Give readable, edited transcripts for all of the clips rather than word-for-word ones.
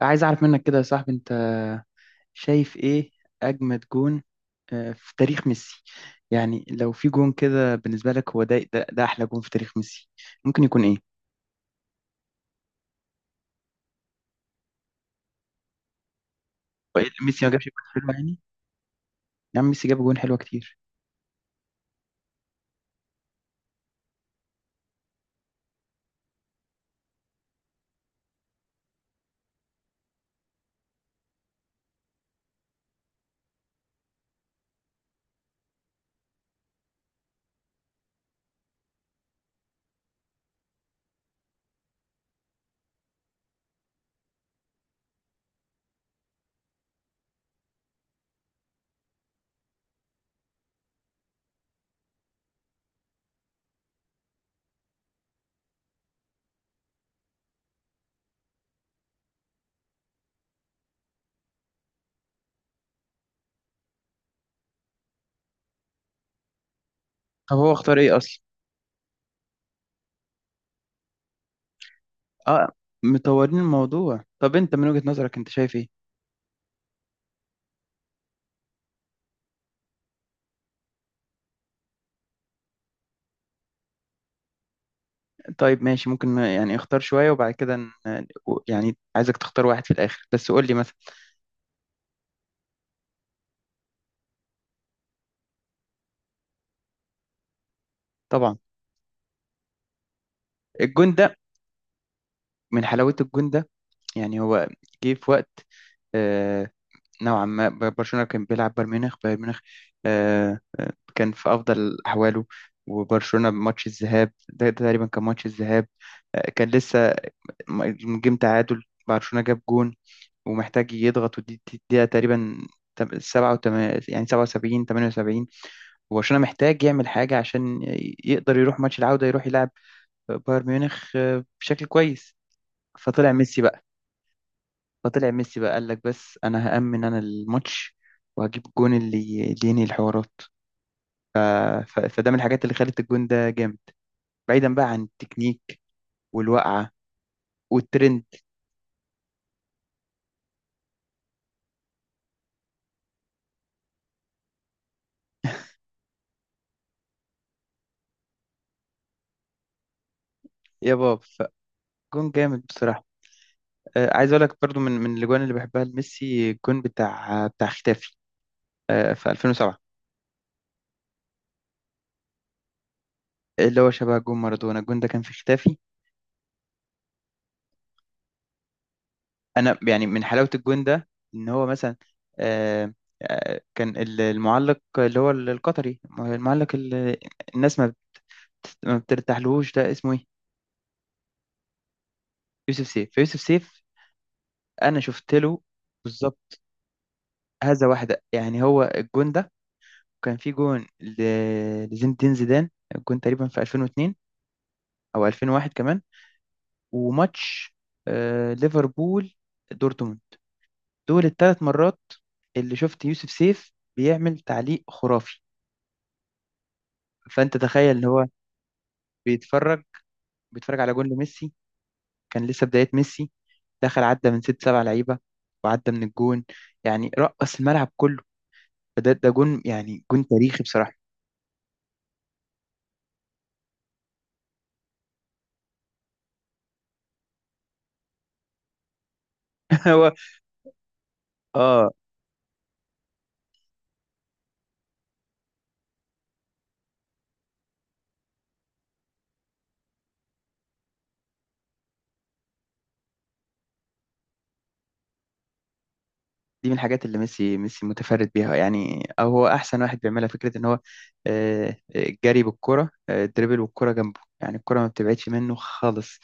عايز اعرف منك كده يا صاحبي، انت شايف ايه اجمد جون في تاريخ ميسي؟ يعني لو في جون كده بالنسبه لك، هو ده احلى جون في تاريخ ميسي ممكن يكون ايه؟ وإيه اللي ميسي ما جابش جون حلو يعني؟ يا عم ميسي جاب جون حلوه كتير. طب هو اختار ايه اصلا؟ اه، مطورين الموضوع. طب انت من وجهة نظرك انت شايف ايه؟ طيب ماشي، ممكن يعني اختار شويه وبعد كده يعني عايزك تختار واحد في الاخر بس قول لي مثلا. طبعا الجون ده، من حلاوه الجون ده يعني، هو جه في وقت آه، نوعا ما، برشلونة كان بيلعب بايرن ميونخ، كان في أفضل أحواله. وبرشلونة ماتش الذهاب، ده تقريبا كان ماتش الذهاب، كان لسه جيم. تعادل برشلونة، جاب جون، ومحتاج يضغط، دقيقة تقريبا، تم- سبعة وتم- يعني سبعة وسبعين، تمانية وسبعين. وبرشلونة محتاج يعمل حاجة عشان يقدر يروح ماتش العودة، يروح يلعب بايرن ميونخ بشكل كويس. فطلع ميسي فطلع ميسي بقى قال لك بس انا هأمن انا الماتش، وهجيب الجون اللي ينهي الحوارات. فده من الحاجات اللي خلت الجون ده جامد، بعيدا بقى عن التكنيك والوقعة والترند. يا باب، فجون جامد بصراحة. عايز اقول لك برضو، من الاجوان اللي بحبها لميسي، الجون بتاع ختافي في 2007، اللي هو شبه جون مارادونا، الجون ده كان في ختافي. انا يعني من حلاوة الجون ده، ان هو مثلا آه، كان المعلق اللي هو القطري، المعلق الناس ما بترتاحلهوش، ده اسمه ايه؟ يوسف سيف. فيوسف سيف انا شفت له، بالظبط، هذا واحده يعني. هو الجون ده كان في جون لزين الدين زيدان، الجون تقريبا في 2002 او 2001 كمان. وماتش ليفربول دورتموند، دول الثلاث مرات اللي شفت يوسف سيف بيعمل تعليق خرافي. فانت تخيل ان هو بيتفرج، بيتفرج على جون لميسي، كان لسه بدايه ميسي، دخل عدى من ست سبع لعيبه وعدى من الجون، يعني رقص الملعب كله. فده جون يعني، جون تاريخي بصراحة. هو، اه، دي من الحاجات اللي ميسي متفرد بيها، يعني او هو احسن واحد بيعملها، فكرة ان هو الجري بالكرة، الدريبل والكرة جنبه، يعني الكرة ما بتبعدش منه خالص.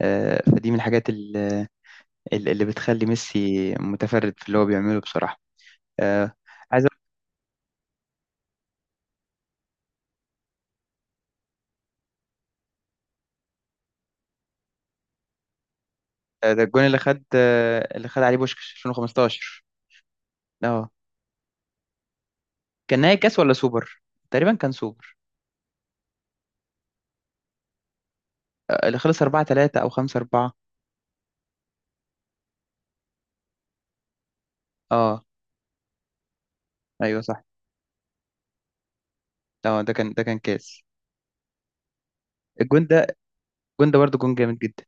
فدي من الحاجات اللي بتخلي ميسي متفرد في اللي هو بيعمله بصراحة. آه، عايز أقول- آه، ده الجون اللي خد، اللي خد عليه بوشكش 2015. اه، كان نهائي كاس ولا سوبر؟ تقريبا كان سوبر. اللي خلص 4 3 او 5 4. اه، ايوه صح. اه، ده كان ده كان كاس. الجون ده، الجون ده برضه جون جامد جدا.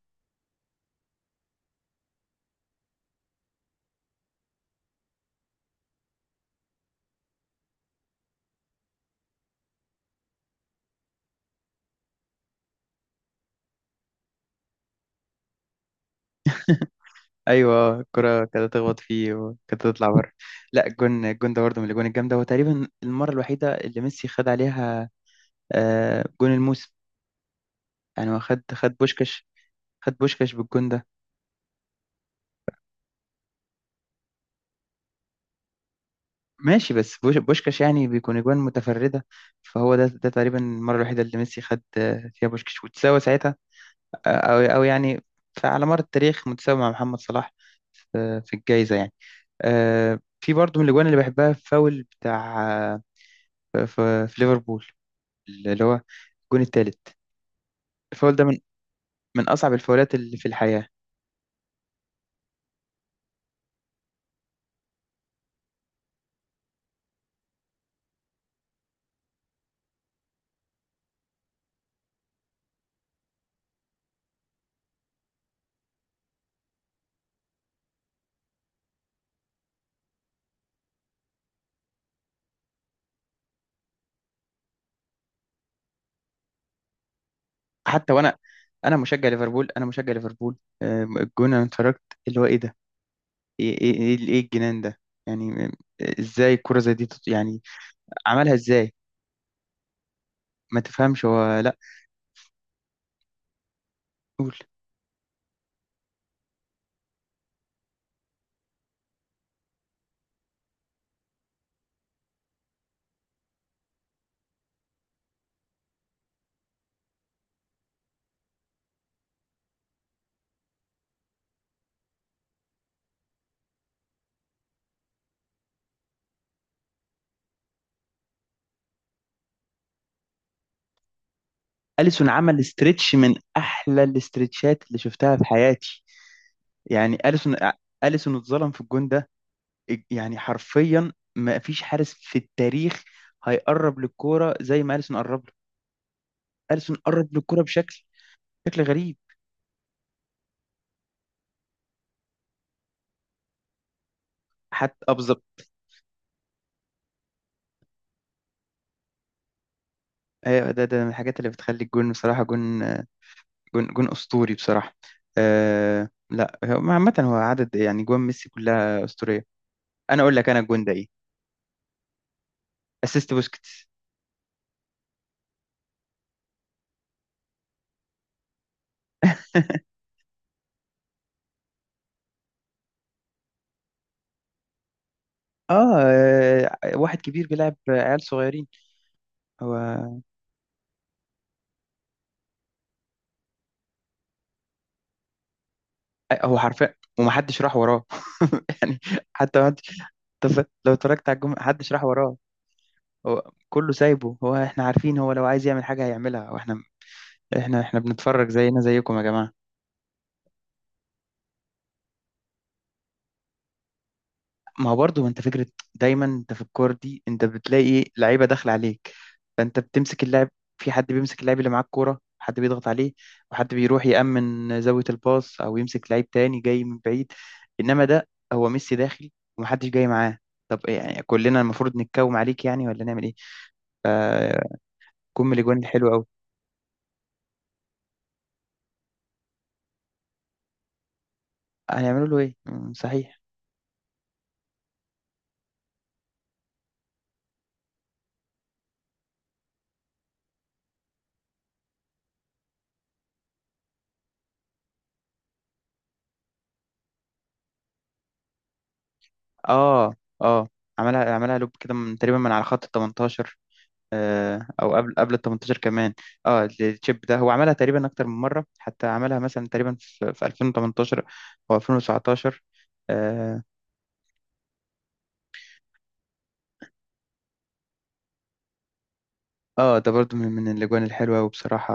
ايوه الكرة كانت تخبط فيه وكانت تطلع بره. لا، الجون، الجون ده برضه من الاجوان الجامده، هو تقريبا المره الوحيده اللي ميسي خد عليها جون الموسم، يعني هو خد بوشكاش، خد بوشكاش بالجون ده. ماشي، بس بوشكاش يعني بيكون اجوان متفرده، فهو ده تقريبا المره الوحيده اللي ميسي خد فيها بوشكاش وتساوى ساعتها آه، او او يعني، فعلى مر التاريخ متساوي مع محمد صلاح في الجائزه يعني. في برضه من الاجوان اللي بحبها، فاول بتاع آه، ف- ف- في ليفربول، اللي هو الجون الثالث. الفاول ده من اصعب الفاولات اللي في الحياه. حتى وانا، انا مشجع ليفربول، الجون انا اتفرجت، اللي هو ايه ده، ايه ايه ايه إيه إيه الجنان ده؟ يعني ازاي الكره زي دي يعني عملها ازاي؟ ما تفهمش هو، لا، قول. اليسون عمل استريتش من احلى الاستريتشات اللي شفتها في حياتي، يعني اليسون، اليسون اتظلم في الجون ده. يعني حرفيا ما فيش حارس في التاريخ هيقرب للكوره زي ما اليسون قرب له. اليسون قرب للكوره بشكل، شكل غريب. حتى اه، بالظبط. ايوه، ده من الحاجات اللي بتخلي الجون بصراحه جون، جون اسطوري بصراحه. آه لا، هو عامه هو عدد يعني جوان ميسي كلها اسطوريه. انا اقول لك انا الجون ده ايه: اسيست بوسكيتس. اه، واحد كبير بيلعب عيال صغيرين. هو، هو حرفيا، ومحدش راح وراه. يعني حتى. طب لو اتفرجت على الجمله، حد شرح وراه؟ هو كله سايبه، هو احنا عارفين هو لو عايز يعمل حاجه هيعملها، واحنا احنا بنتفرج زينا زيكم يا جماعه. ما هو برضه انت فكره، دايما انت في الكوره دي انت بتلاقي لعيبه داخله عليك، فانت بتمسك اللاعب، في حد بيمسك اللاعب اللي معاه الكوره، حد بيضغط عليه، وحد بيروح يأمن زاويه الباص او يمسك لعيب تاني جاي من بعيد. انما ده هو ميسي داخل ومحدش جاي معاه. طب إيه يعني، كلنا المفروض نتكوم عليك يعني ولا نعمل ايه؟ فكم الاجوان الحلوه قوي. هيعملوا له ايه؟ مم، صحيح. اه، اه، عملها لوب كده من تقريبا من على خط ال 18، او قبل ال 18 كمان. اه، التشيب ده هو عملها تقريبا اكتر من مره، حتى عملها مثلا تقريبا في 2018 او 2019. اه، ده برضو من الاجوان الحلوه وبصراحه،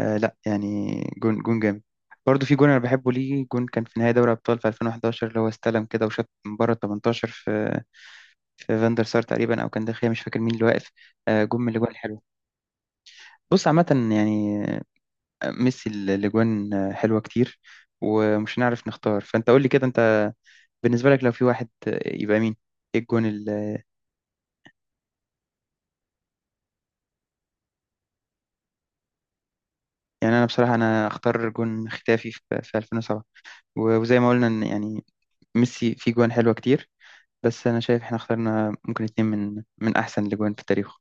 آه لا يعني، جون جون جامد. برضو في جون انا بحبه ليه، جون كان في نهائي دوري ابطال في 2011، اللي هو استلم كده وشاط من بره ال 18 في فاندر سار تقريبا، او كان داخل مش فاكر مين اللي واقف. جون من الاجوان. بص عامة يعني ميسي الأجوان حلوة كتير ومش هنعرف نختار. فأنت قول لي كده، أنت بالنسبة لك لو في واحد يبقى مين؟ إيه الجون يعني أنا بصراحة أنا أختار جون ختافي في 2007، وزي ما قلنا إن يعني ميسي فيه جوان حلوة كتير، بس أنا شايف إحنا اخترنا ممكن اتنين من أحسن الأجوان في التاريخ